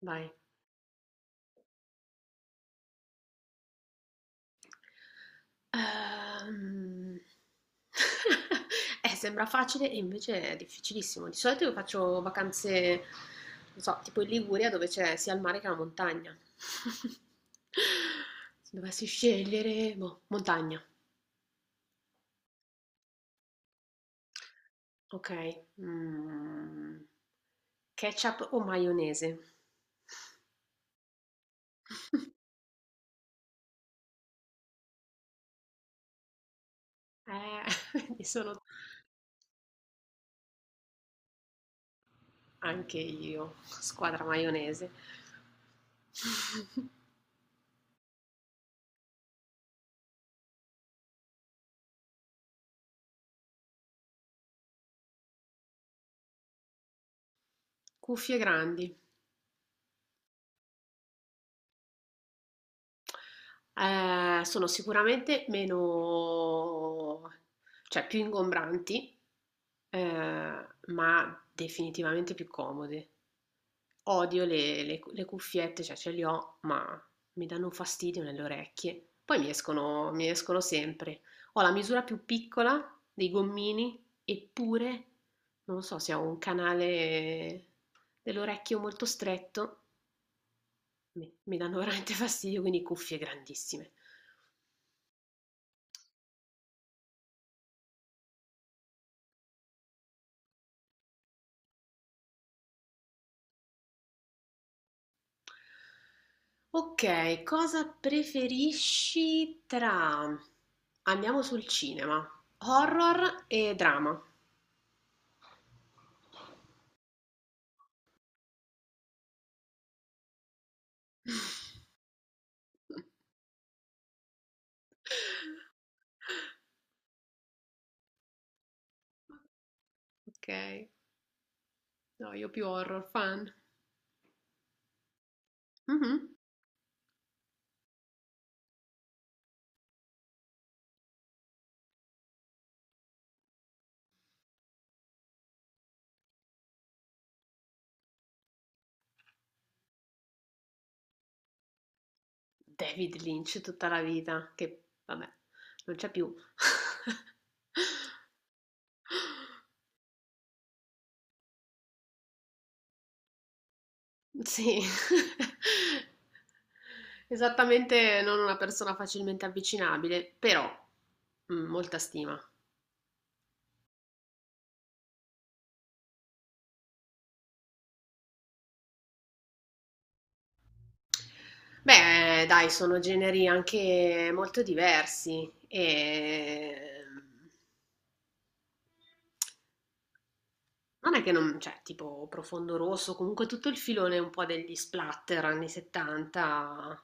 Vai. Ehm, sembra facile e invece è difficilissimo. Di solito io faccio vacanze, non so, tipo in Liguria dove c'è sia il mare che la montagna. Se dovessi scegliere, boh, montagna. Ok. Ketchup o maionese? Eh, mi sono anche io, squadra maionese. Cuffie grandi. Sono sicuramente meno, cioè più ingombranti, ma definitivamente più comode. Odio le le cuffiette, cioè ce le ho, ma mi danno un fastidio nelle orecchie. Poi mi escono sempre. Ho la misura più piccola dei gommini, eppure non so se ho un canale dell'orecchio molto stretto. Mi danno veramente fastidio, quindi cuffie grandissime. Ok, cosa preferisci tra... Andiamo sul cinema, horror e drama. Ok, no, io più horror fan. Mhm. David Lynch tutta la vita, che vabbè, non c'è più. Sì, esattamente non una persona facilmente avvicinabile, però mm, molta stima. Beh, dai, sono generi anche molto diversi e non è che non, cioè, tipo Profondo Rosso, comunque tutto il filone un po' degli splatter anni 70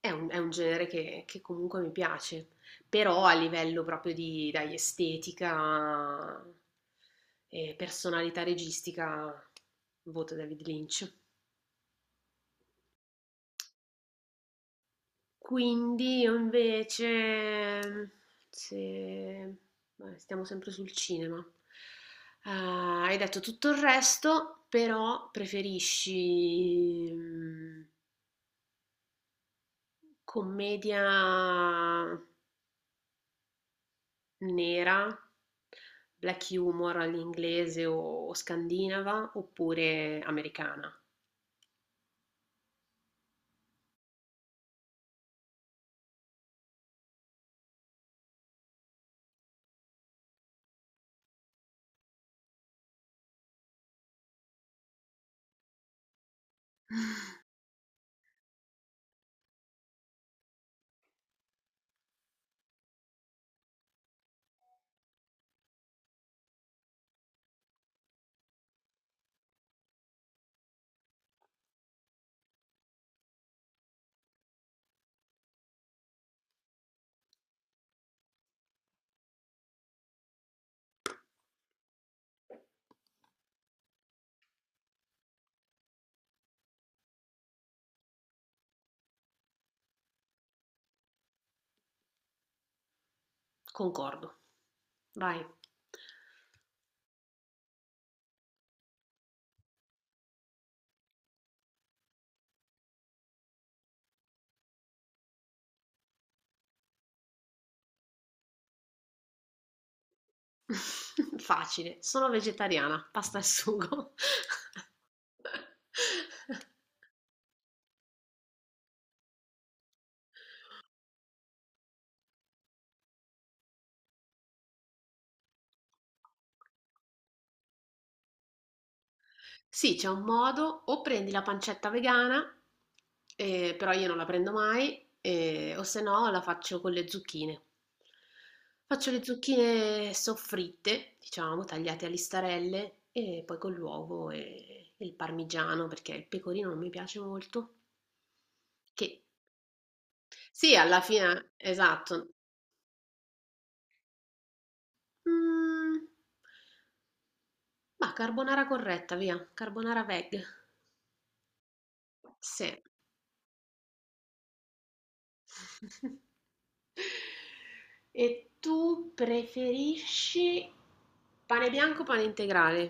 è un genere che comunque mi piace, però a livello proprio di, dai, estetica e personalità registica, voto David Lynch. Quindi io invece, mhmm, se vabbè, stiamo sempre sul cinema. Hai detto tutto il resto, però preferisci commedia nera, black humor all'inglese o scandinava, oppure americana? Concordo. Vai. Facile, sono vegetariana, pasta e sugo. Sì, c'è un modo, o prendi la pancetta vegana, però io non la prendo mai, o se no la faccio con le zucchine. Faccio le zucchine soffritte, diciamo, tagliate a listarelle, e poi con l'uovo e il parmigiano, perché il pecorino non mi piace molto. Che sì, alla fine, esatto. Mm, carbonara corretta, via, carbonara veg. Sì. E tu preferisci pane bianco o pane integrale?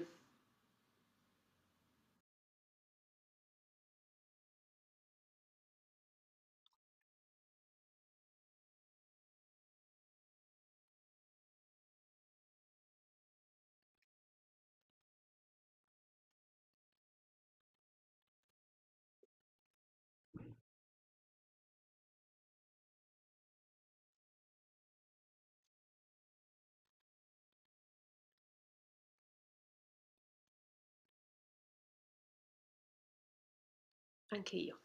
Anche io.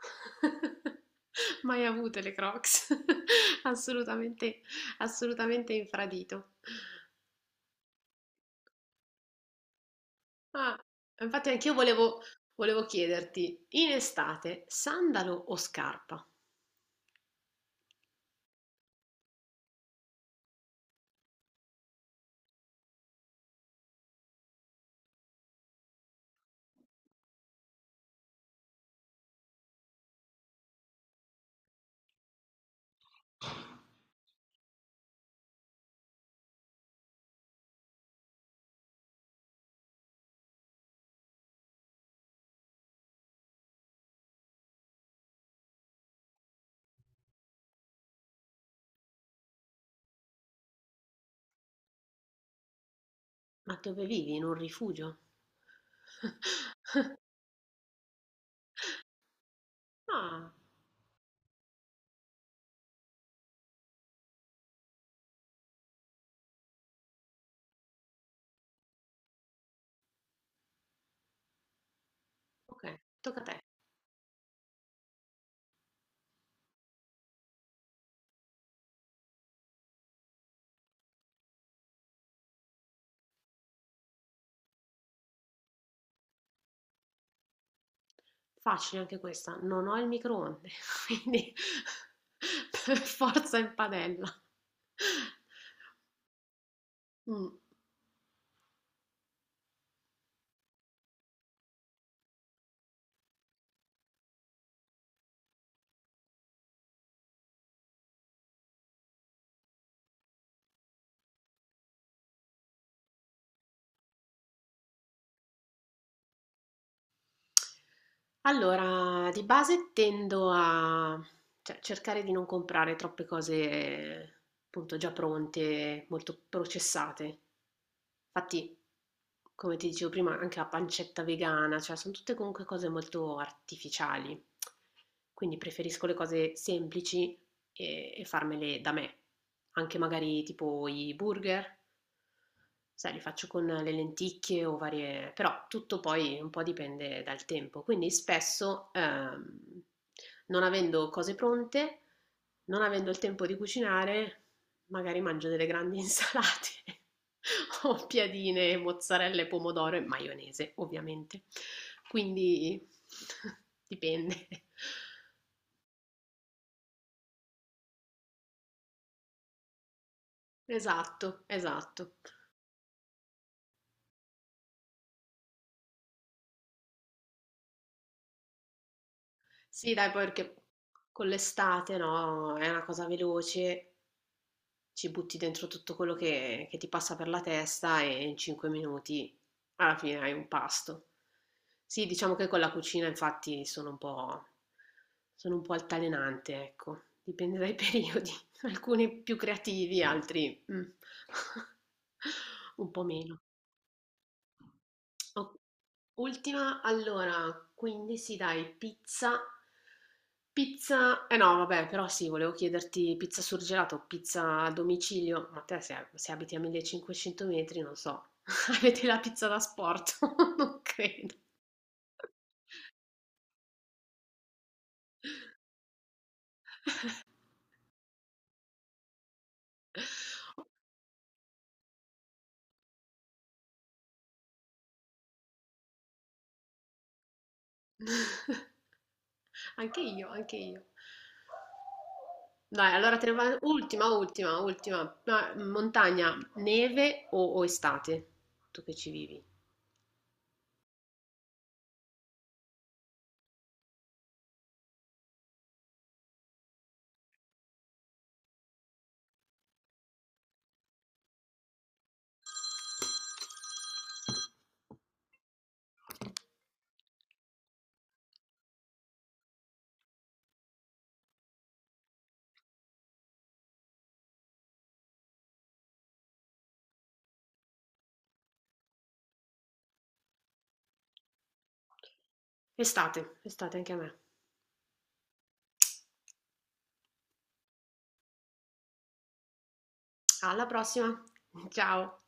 Mai avute le Crocs. Assolutamente, assolutamente infradito. Ah, infatti volevo chiederti, in estate, sandalo o scarpa? Ma dove vivi? In un rifugio? Ah, ok, tocca a te. Facile anche questa, non ho il microonde, quindi per forza in padella. Mm. Allora, di base tendo a, cioè, cercare di non comprare troppe cose appunto già pronte, molto processate. Infatti, come ti dicevo prima, anche la pancetta vegana, cioè sono tutte comunque cose molto artificiali. Quindi preferisco le cose semplici e farmele da me. Anche magari tipo i burger, sai, li faccio con le lenticchie o varie... Però tutto poi un po' dipende dal tempo. Quindi spesso, non avendo cose pronte, non avendo il tempo di cucinare, magari mangio delle grandi insalate o piadine, mozzarella, pomodoro e maionese, ovviamente. Quindi dipende. Esatto, esatto. Sì, dai, poi perché con l'estate, no, è una cosa veloce, ci butti dentro tutto quello che ti passa per la testa e in 5 minuti alla fine hai un pasto. Sì, diciamo che con la cucina infatti sono un po' altalenante, ecco, dipende dai periodi, alcuni più creativi, altri mm, un po' meno. O ultima, allora, quindi sì dai, pizza, pizza, eh no vabbè, però sì, volevo chiederti pizza surgelata o pizza a domicilio, ma te se, se abiti a 1500 metri, non so, avete la pizza da sport? Non credo. Anche io, anche io. Dai, allora te ne vai, ultima, ultima, ultima. Ma, montagna, neve o estate? Tu che ci vivi? Estate, estate anche a me. Alla prossima, ciao.